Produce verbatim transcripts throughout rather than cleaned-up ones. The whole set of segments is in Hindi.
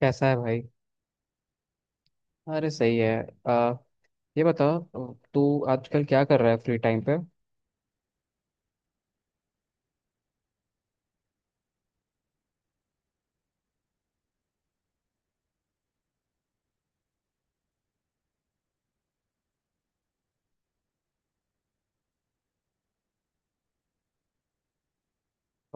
कैसा है भाई? अरे सही है। आ, ये बताओ तू आजकल क्या कर रहा है फ्री टाइम पे?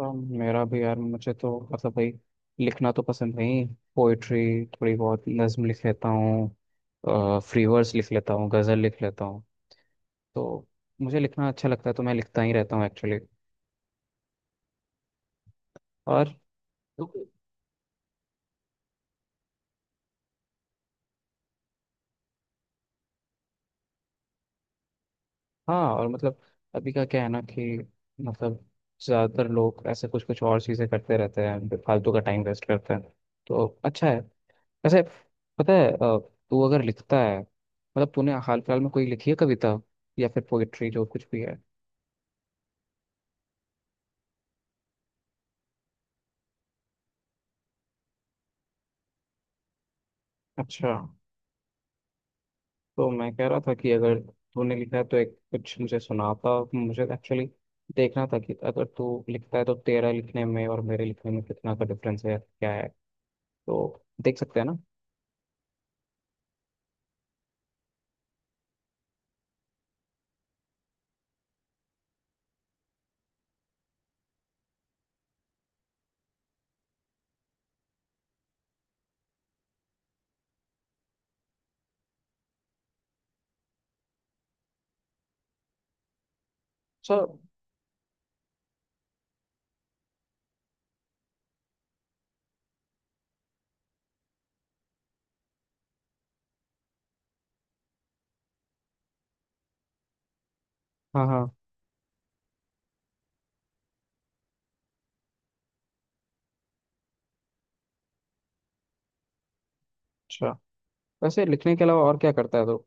आ, मेरा भी यार, मुझे तो मतलब भाई लिखना तो पसंद नहीं। पोइट्री, थोड़ी बहुत नज्म लिख लेता हूँ, फ्री वर्स लिख लेता हूँ, गज़ल लिख लेता हूँ। तो मुझे लिखना अच्छा लगता है, तो मैं लिखता ही रहता हूँ एक्चुअली। और हाँ, और मतलब अभी का क्या है ना कि मतलब ज़्यादातर लोग ऐसे कुछ कुछ और चीज़ें करते रहते हैं, फालतू का टाइम वेस्ट करते हैं। तो अच्छा है। वैसे पता है, अ, तू अगर लिखता है मतलब तूने हाल फिलहाल में कोई लिखी है कविता या फिर पोइट्री जो कुछ भी है? अच्छा। तो मैं कह रहा था कि अगर तूने लिखा है तो एक कुछ मुझे सुनाता। मुझे एक्चुअली देखना था कि अगर तू लिखता है तो तेरा लिखने में और मेरे लिखने में कितना का डिफरेंस है, क्या है। तो देख सकते हैं ना। अच्छा। हाँ हाँ। अच्छा, वैसे लिखने के अलावा और क्या करता है तो?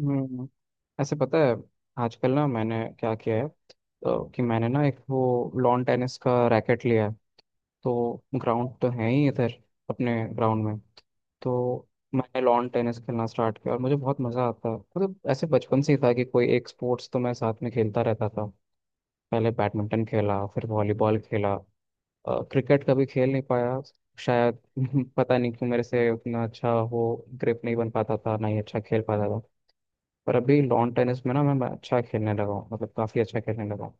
हम्म। ऐसे पता है, आजकल ना मैंने क्या किया है तो कि मैंने ना एक वो लॉन टेनिस का रैकेट लिया है। तो ग्राउंड तो है ही इधर, अपने ग्राउंड में। तो मैंने लॉन टेनिस खेलना स्टार्ट किया और मुझे बहुत मज़ा आता है। मतलब ऐसे बचपन से ही था कि कोई एक स्पोर्ट्स तो मैं साथ में खेलता रहता था। पहले बैडमिंटन खेला, फिर वॉलीबॉल खेला। अ, क्रिकेट कभी खेल नहीं पाया शायद। पता नहीं क्यों, मेरे से उतना अच्छा वो ग्रिप नहीं बन पाता था, ना ही अच्छा खेल पाता था। पर अभी लॉन टेनिस में ना मैं मैं अच्छा खेलने लगा हूँ, मतलब काफ़ी अच्छा खेलने लगा हूँ।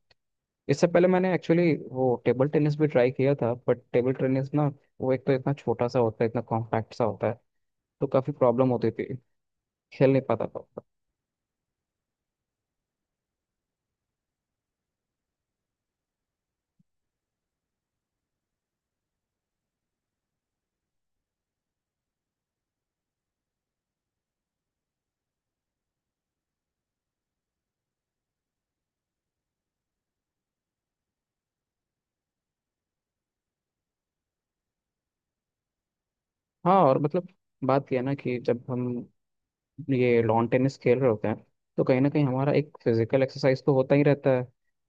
इससे पहले मैंने एक्चुअली वो टेबल टेनिस भी ट्राई किया था। बट टेबल टेनिस ना, वो एक तो इतना छोटा सा होता है, इतना कॉम्पैक्ट सा होता है, तो काफ़ी प्रॉब्लम होती थी। खेल नहीं पाता था। हाँ, और मतलब बात यह है ना कि जब हम ये लॉन टेनिस खेल रहे होते हैं तो कहीं ना कहीं हमारा एक फिजिकल एक्सरसाइज तो होता ही रहता है।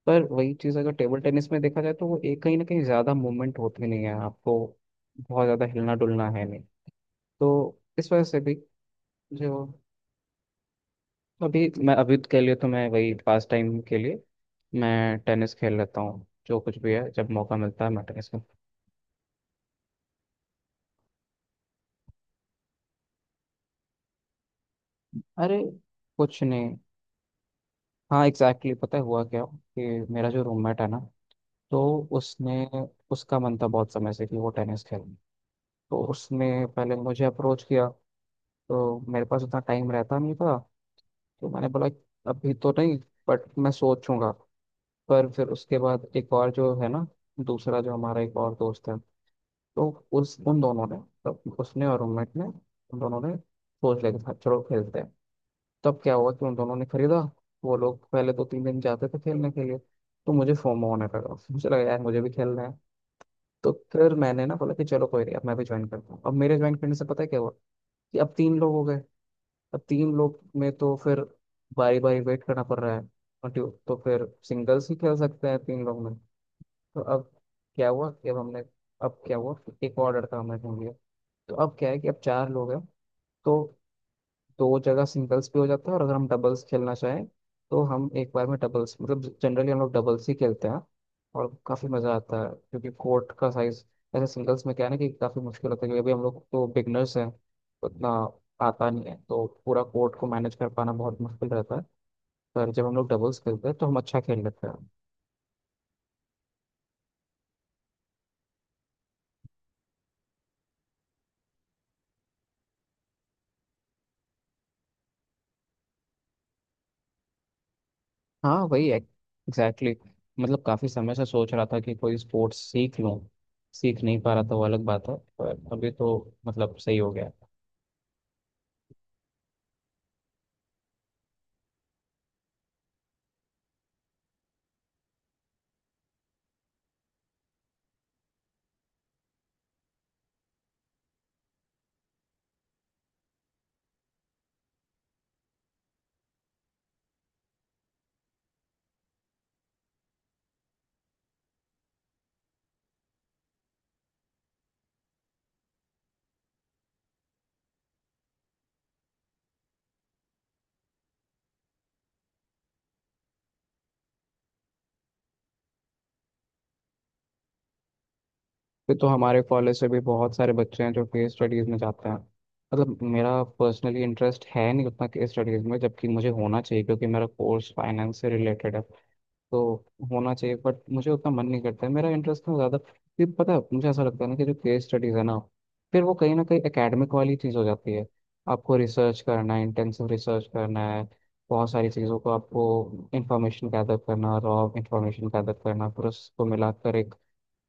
पर वही चीज़ अगर टेबल टेनिस में देखा जाए तो वो एक कहीं ना कहीं ज़्यादा मूवमेंट होती नहीं है आपको। बहुत ज़्यादा हिलना डुलना है नहीं। तो इस वजह से भी जो अभी, मैं अभी के लिए तो मैं वही पास टाइम के लिए मैं टेनिस खेल लेता हूँ। जो कुछ भी है, जब मौका मिलता है मैं टेनिस खेल। अरे कुछ नहीं। हाँ एग्जैक्टली exactly, पता है हुआ क्या कि मेरा जो रूममेट है ना, तो उसने, उसका मन था बहुत समय से कि वो टेनिस खेले, तो उसने पहले मुझे अप्रोच किया। तो मेरे पास उतना टाइम रहता नहीं था, तो मैंने बोला अभी तो नहीं, बट मैं सोचूंगा। पर फिर उसके बाद एक और जो है ना, दूसरा जो हमारा एक और दोस्त है, तो उस उन दोनों ने, तब उसने और रूममेट ने उन दोनों ने सोच लिया कि "हाँ, चलो खेलते हैं।" तब क्या हुआ कि उन दोनों ने खरीदा। वो लोग पहले दो तीन दिन जाते थे खेलने के लिए, तो मुझे फोमो होने लगा। मुझे लगा यार मुझे भी खेलना है। तो फिर मैंने ना बोला कि चलो कोई नहीं, अब मैं भी ज्वाइन करता हूँ। अब मेरे ज्वाइन करने से पता है क्या हुआ कि अब तीन लोग हो गए। अब तीन लोग में तो फिर बारी बारी वेट करना पड़ रहा है। और तो तो फिर सिंगल्स ही खेल सकते हैं तीन लोग में। तो अब क्या हुआ कि अब हमने अब क्या हुआ कि एक और लड़का हमने ढूंढ लिया। तो अब क्या है कि अब चार लोग हैं। तो दो जगह सिंगल्स भी हो जाता है, और अगर हम डबल्स खेलना चाहें तो हम एक बार में डबल्स, मतलब जनरली हम लोग डबल्स ही खेलते हैं। और काफ़ी मज़ा आता है, क्योंकि कोर्ट का साइज, ऐसे सिंगल्स में क्या है ना कि काफ़ी मुश्किल होता है, क्योंकि अभी हम लोग तो बिगनर्स हैं, उतना आता नहीं है, तो पूरा कोर्ट को मैनेज कर पाना बहुत मुश्किल रहता है। पर जब हम लोग डबल्स खेलते हैं तो हम अच्छा खेल लेते हैं। हाँ वही एग्जैक्टली exactly. मतलब काफी समय से सोच रहा था कि कोई स्पोर्ट्स सीख लूं। सीख नहीं पा रहा था वो अलग बात है, पर अभी तो मतलब सही हो गया। फिर तो हमारे कॉलेज से भी बहुत सारे बच्चे हैं जो केस स्टडीज में जाते हैं। मतलब मेरा पर्सनली इंटरेस्ट है नहीं उतना केस स्टडीज में, जबकि मुझे होना चाहिए क्योंकि मेरा कोर्स फाइनेंस से रिलेटेड है। तो होना चाहिए, बट मुझे उतना मन नहीं करता है, मेरा इंटरेस्ट ना ज़्यादा। फिर पता है मुझे ऐसा लगता है ना कि जो केस स्टडीज़ है ना, फिर वो कहीं ना कहीं एकेडमिक वाली चीज़ हो जाती है। आपको रिसर्च करना है, इंटेंसिव रिसर्च करना है, बहुत सारी चीज़ों को आपको इंफॉर्मेशन गैदर करना, रॉ इंफॉर्मेशन गैदर करना, फिर उसको मिलाकर एक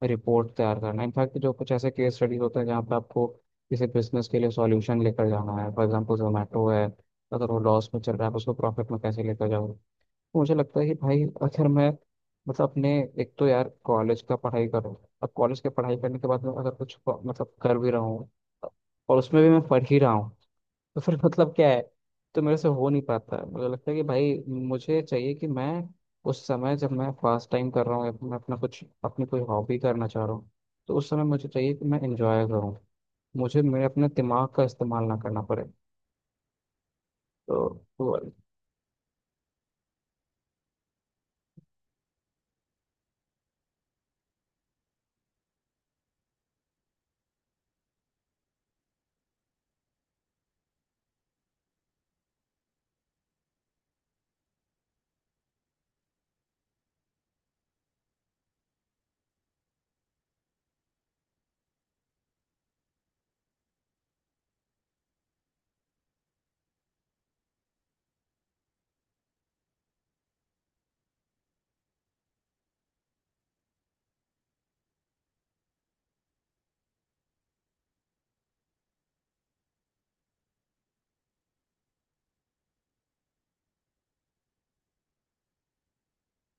रिपोर्ट तैयार करना। इनफैक्ट जो कुछ ऐसे केस स्टडीज होते हैं जहाँ पे आपको किसी बिजनेस के लिए सॉल्यूशन लेकर जाना है, फॉर एग्जांपल जोमेटो है, अगर वो लॉस में चल रहा है आप उसको प्रॉफिट में कैसे लेकर जाओ। मुझे लगता है कि भाई अगर मैं, मतलब अपने, एक तो यार कॉलेज का पढ़ाई करूँ, अब कॉलेज की पढ़ाई करने के बाद मैं अगर कुछ प- मतलब कर भी रहा हूँ, और उसमें भी मैं पढ़ ही रहा हूँ। तो फिर मतलब क्या है। तो मेरे से हो नहीं पाता है। मुझे लगता है कि भाई मुझे चाहिए कि मैं उस समय जब मैं फर्स्ट टाइम कर रहा हूँ या मैं अपना कुछ अपनी कोई हॉबी करना चाह रहा हूँ, तो उस समय मुझे चाहिए कि मैं इंजॉय करूँ। मुझे मेरे अपने दिमाग का इस्तेमाल ना करना पड़े। तो।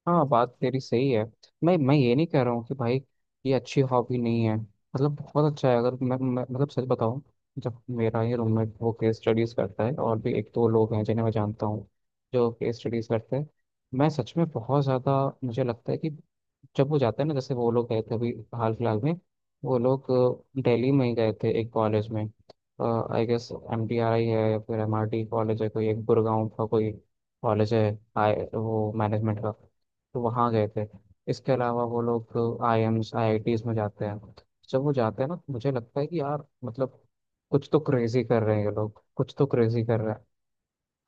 हाँ बात तेरी सही है। मैं मैं ये नहीं कह रहा हूँ कि भाई ये अच्छी हॉबी नहीं है, मतलब बहुत अच्छा है। अगर मैं, मैं मतलब सच बताऊँ, जब मेरा ही रूममेट वो केस स्टडीज़ करता है, और भी एक दो लोग हैं जिन्हें मैं जानता हूँ जो केस स्टडीज़ करते हैं, मैं सच में बहुत ज़्यादा, मुझे लगता है कि जब वो जाता है ना, जैसे वो लोग गए थे अभी हाल फिलहाल में, वो लोग अ, दिल्ली में ही गए थे एक कॉलेज में। I guess M T R I है, या फिर एम आर टी कॉलेज है, कोई एक गुड़गांव का कोई कॉलेज है, आई वो मैनेजमेंट का। तो वहाँ गए थे। इसके अलावा वो लोग AIIMS, IITs में जाते हैं। जब वो जाते हैं ना तो मुझे लगता है कि यार मतलब कुछ तो क्रेजी कर रहे हैं ये लोग, कुछ तो क्रेजी कर रहे हैं।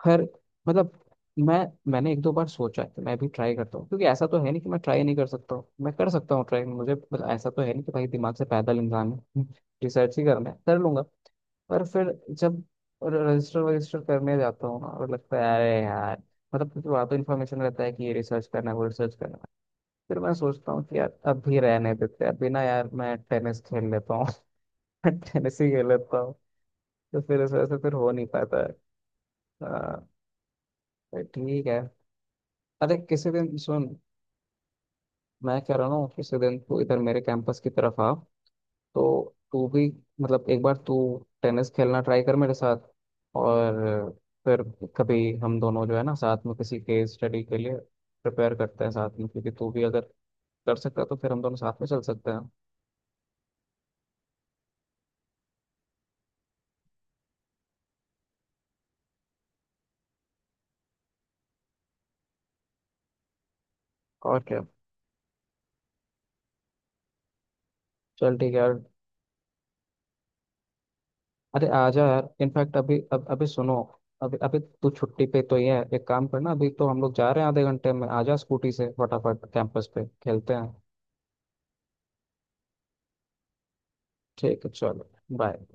खैर, मतलब मैं मैंने एक दो बार सोचा है कि मैं भी ट्राई करता हूँ, क्योंकि ऐसा तो है नहीं कि मैं ट्राई नहीं कर सकता हूँ। मैं कर सकता हूँ ट्राई, मुझे मतलब ऐसा तो है नहीं कि भाई दिमाग से पैदल इंसान है, रिसर्च ही करना है कर लूंगा। पर फिर जब रजिस्टर वजिस्टर करने जाता हूँ ना और लगता है अरे यार, मतलब क्योंकि वहाँ तो इन्फॉर्मेशन रहता है कि ये रिसर्च करना है वो रिसर्च करना है। फिर मैं सोचता हूँ कि यार अभी रहने देते हैं, अभी ना यार मैं टेनिस खेल लेता हूँ टेनिस ही खेल लेता हूँ। तो फिर इस वजह से फिर हो नहीं पाता है। आ, तो ठीक है। अरे किसी दिन सुन, मैं कह रहा हूँ किसी दिन तू इधर मेरे कैंपस की तरफ आ, तो तू भी, मतलब एक बार तू टेनिस खेलना ट्राई कर मेरे साथ। और फिर कभी हम दोनों जो है ना साथ में किसी केस स्टडी के लिए प्रिपेयर करते हैं साथ में, क्योंकि तू भी अगर कर सकता है तो फिर हम दोनों साथ में चल सकते हैं। और क्या। चल ठीक है यार। अरे आजा यार, इनफैक्ट अभी, अब अभी सुनो। अभी अभी तू छुट्टी पे, तो ये है एक काम करना, अभी तो हम लोग जा रहे हैं आधे घंटे में, आजा स्कूटी से फटाफट कैंपस पे खेलते हैं। ठीक है चलो। बाय।